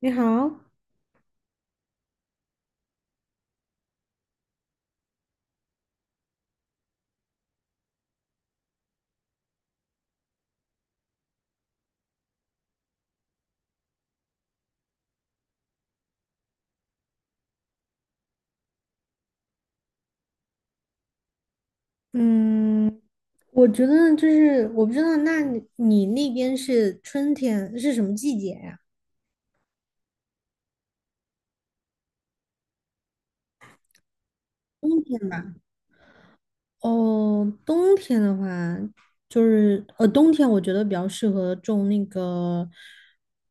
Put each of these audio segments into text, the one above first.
你好，嗯，我觉得就是我不知道，那你那边是春天是什么季节呀？冬天吧？哦，冬天的话，就是冬天我觉得比较适合种那个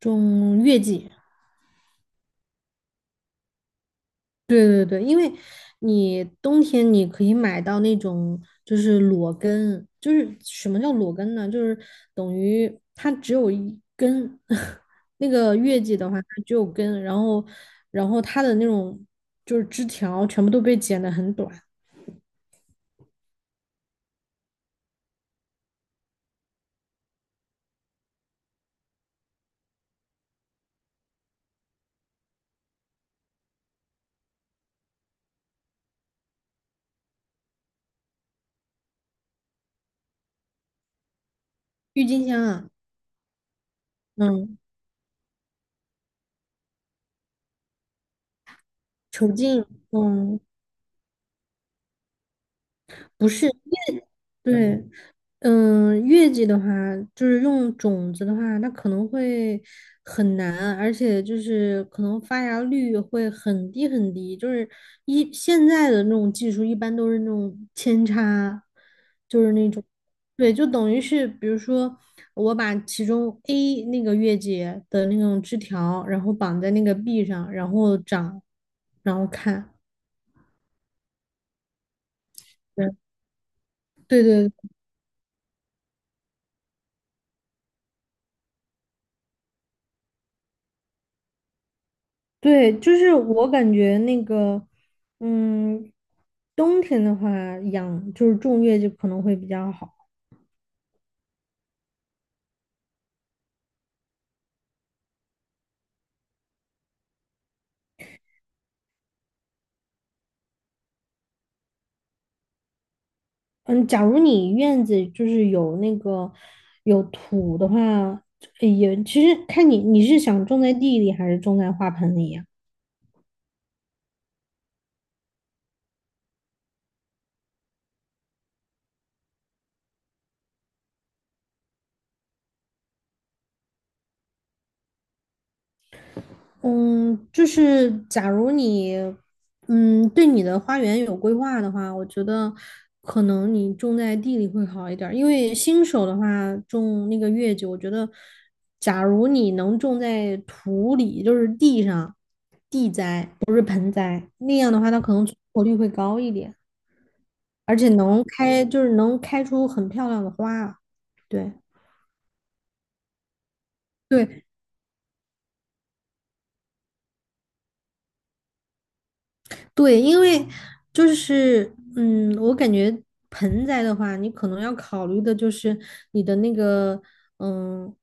种月季。对对对，因为你冬天可以买到那种就是裸根，就是什么叫裸根呢？就是等于它只有一根，那个月季的话它只有根，然后它的那种就是枝条全部都被剪得很短。郁金香啊，嗯，球茎，嗯，不是，因为对，月季的话，就是用种子的话，它可能会很难，而且就是可能发芽率会很低很低。就是现在的那种技术，一般都是那种扦插，就是那种，对，就等于是，比如说我把其中 A 那个月季的那种枝条，然后绑在那个 B 上，然后长，然后看。对对对对，就是我感觉那个，嗯，冬天的话养就是种月季可能会比较好。嗯，假如你院子就是有那个有土的话，也其实看你是想种在地里还是种在花盆里呀？嗯，就是假如你，对你的花园有规划的话，我觉得可能你种在地里会好一点儿。因为新手的话，种那个月季，我觉得，假如你能种在土里，就是地上，地栽，不是盆栽，那样的话，它可能存活率会高一点，而且能开，就是能开出很漂亮的花。对。对，对，因为就是我感觉盆栽的话，你可能要考虑的就是你的那个嗯，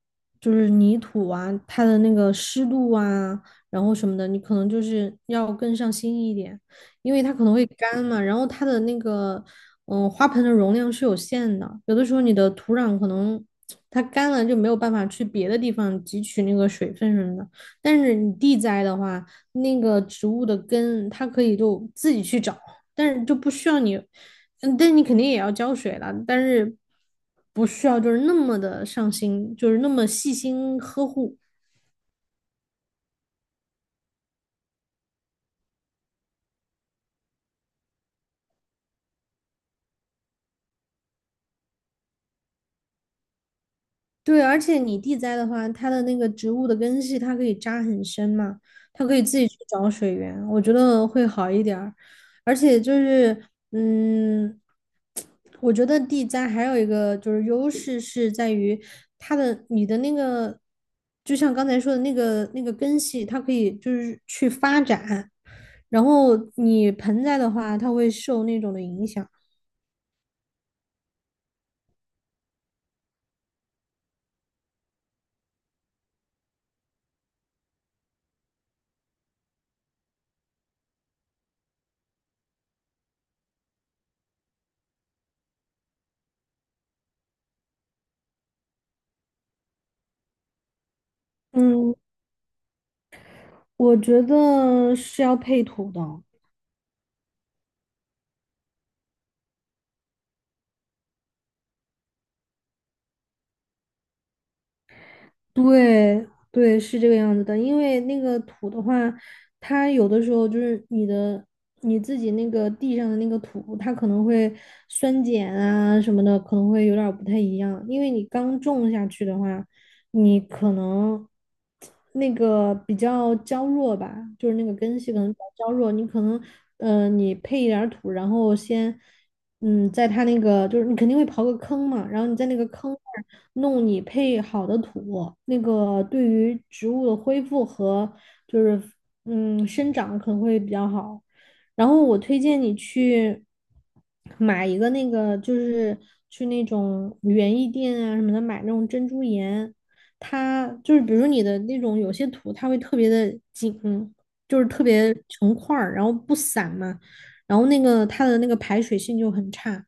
就是泥土啊，它的那个湿度啊，然后什么的，你可能就是要更上心一点，因为它可能会干嘛，然后它的那个花盆的容量是有限的，有的时候你的土壤可能它干了就没有办法去别的地方汲取那个水分什么的，但是你地栽的话。那个植物的根，它可以就自己去找，但是就不需要你，但你肯定也要浇水了，但是不需要就是那么的上心，就是那么细心呵护。对，而且你地栽的话，它的那个植物的根系它可以扎很深嘛，它可以自己去找水源，我觉得会好一点儿。而且就是，嗯，我觉得地栽还有一个就是优势是在于它的你的那个，就像刚才说的那个根系，它可以就是去发展，然后你盆栽的话，它会受那种的影响。嗯，我觉得是要配土的。对对，是这个样子的，因为那个土的话，它有的时候就是你自己那个地上的那个土，它可能会酸碱啊什么的，可能会有点儿不太一样。因为你刚种下去的话，你可能那个比较娇弱吧，就是那个根系可能比较娇弱，你可能你配一点儿土，然后先。在它那个就是你肯定会刨个坑嘛，然后你在那个坑那儿弄你配好的土，那个对于植物的恢复和就是生长可能会比较好。然后我推荐你去买一个那个就是去那种园艺店啊什么的买那种珍珠岩，它就是比如说你的那种有些土它会特别的紧，就是特别成块儿，然后不散嘛。然后那个它的那个排水性就很差，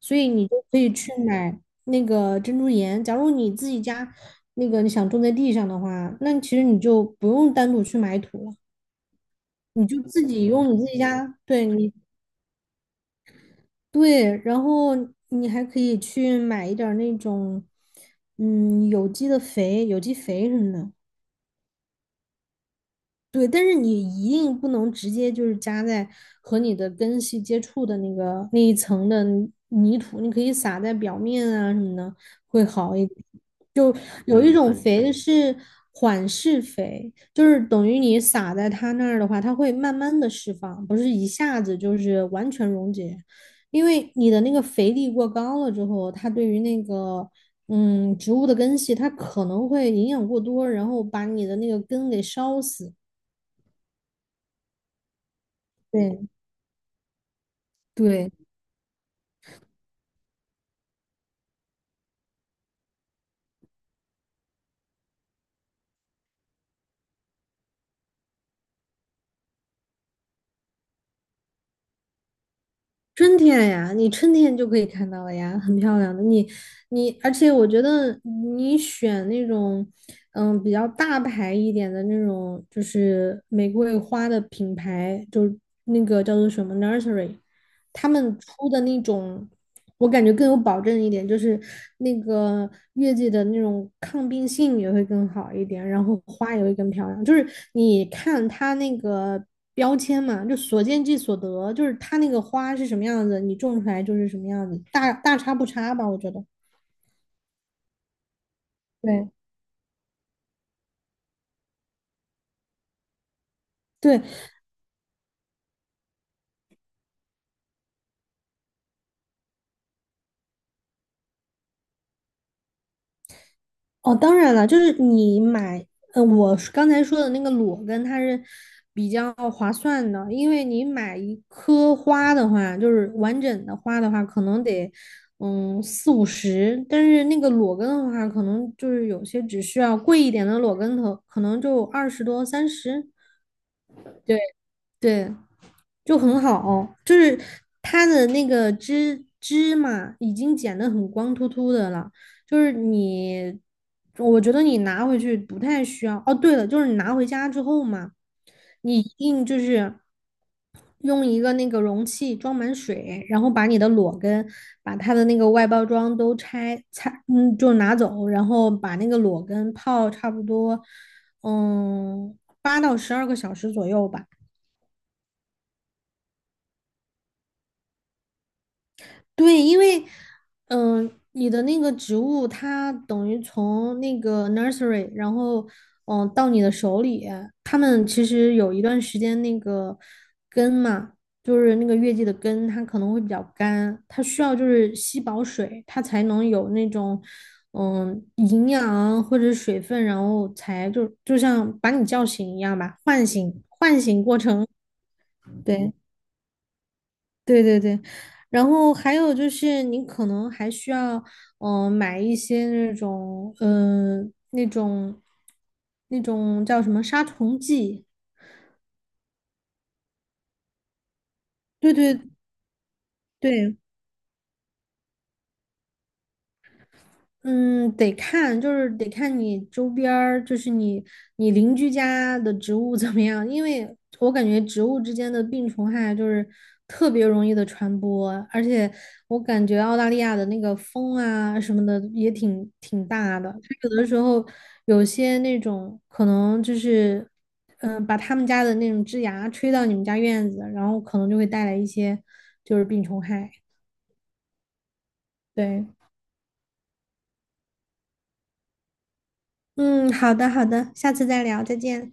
所以你就可以去买那个珍珠岩。假如你自己家那个你想种在地上的话，那其实你就不用单独去买土了，你就自己用你自己家，对对，然后你还可以去买一点儿那种有机的肥、有机肥什么的。对，但是你一定不能直接就是加在和你的根系接触的那个那一层的泥土，你可以撒在表面啊什么的，会好一点。就有一种肥是缓释肥，就是等于你撒在它那儿的话，它会慢慢的释放，不是一下子就是完全溶解，因为你的那个肥力过高了之后，它对于那个。植物的根系它可能会营养过多，然后把你的那个根给烧死。对对，春天呀，你春天就可以看到了呀，很漂亮的。而且我觉得你选那种，比较大牌一点的那种，就是玫瑰花的品牌，就是那个叫做什么 Nursery，他们出的那种，我感觉更有保证一点，就是那个月季的那种抗病性也会更好一点，然后花也会更漂亮。就是你看它那个标签嘛，就所见即所得，就是它那个花是什么样子，你种出来就是什么样子，大差不差吧，我觉得。对对哦，当然了，就是你买，我是刚才说的那个裸根，它是比较划算的，因为你买一颗花的话，就是完整的花的话，可能得四五十，但是那个裸根的话，可能就是有些只需要贵一点的裸根头，可能就二十多三十。对对，就很好，就是它的那个芝嘛，已经剪得很光秃秃的了，就是你，我觉得你拿回去不太需要。哦，对了，就是你拿回家之后嘛，你一定就是用一个那个容器装满水，然后把你的裸根，把它的那个外包装都拆拆，就拿走，然后把那个裸根泡差不多，嗯，8到12个小时左右吧。对，因为，你的那个植物它等于从那个 nursery，然后，到你的手里，他们其实有一段时间那个根嘛，就是那个月季的根，它可能会比较干，它需要就是吸饱水，它才能有那种，营养或者水分，然后才就像把你叫醒一样吧，唤醒过程，对。对对对，然后还有就是你可能还需要，买一些那种，那种，那种叫什么杀虫剂？对对对，嗯，得看，就是得看你周边儿，就是你邻居家的植物怎么样，因为我感觉植物之间的病虫害就是特别容易的传播，而且我感觉澳大利亚的那个风啊什么的也挺大的，它有的时候有些那种可能就是，把他们家的那种枝芽吹到你们家院子，然后可能就会带来一些就是病虫害。对，嗯，好的好的，下次再聊，再见。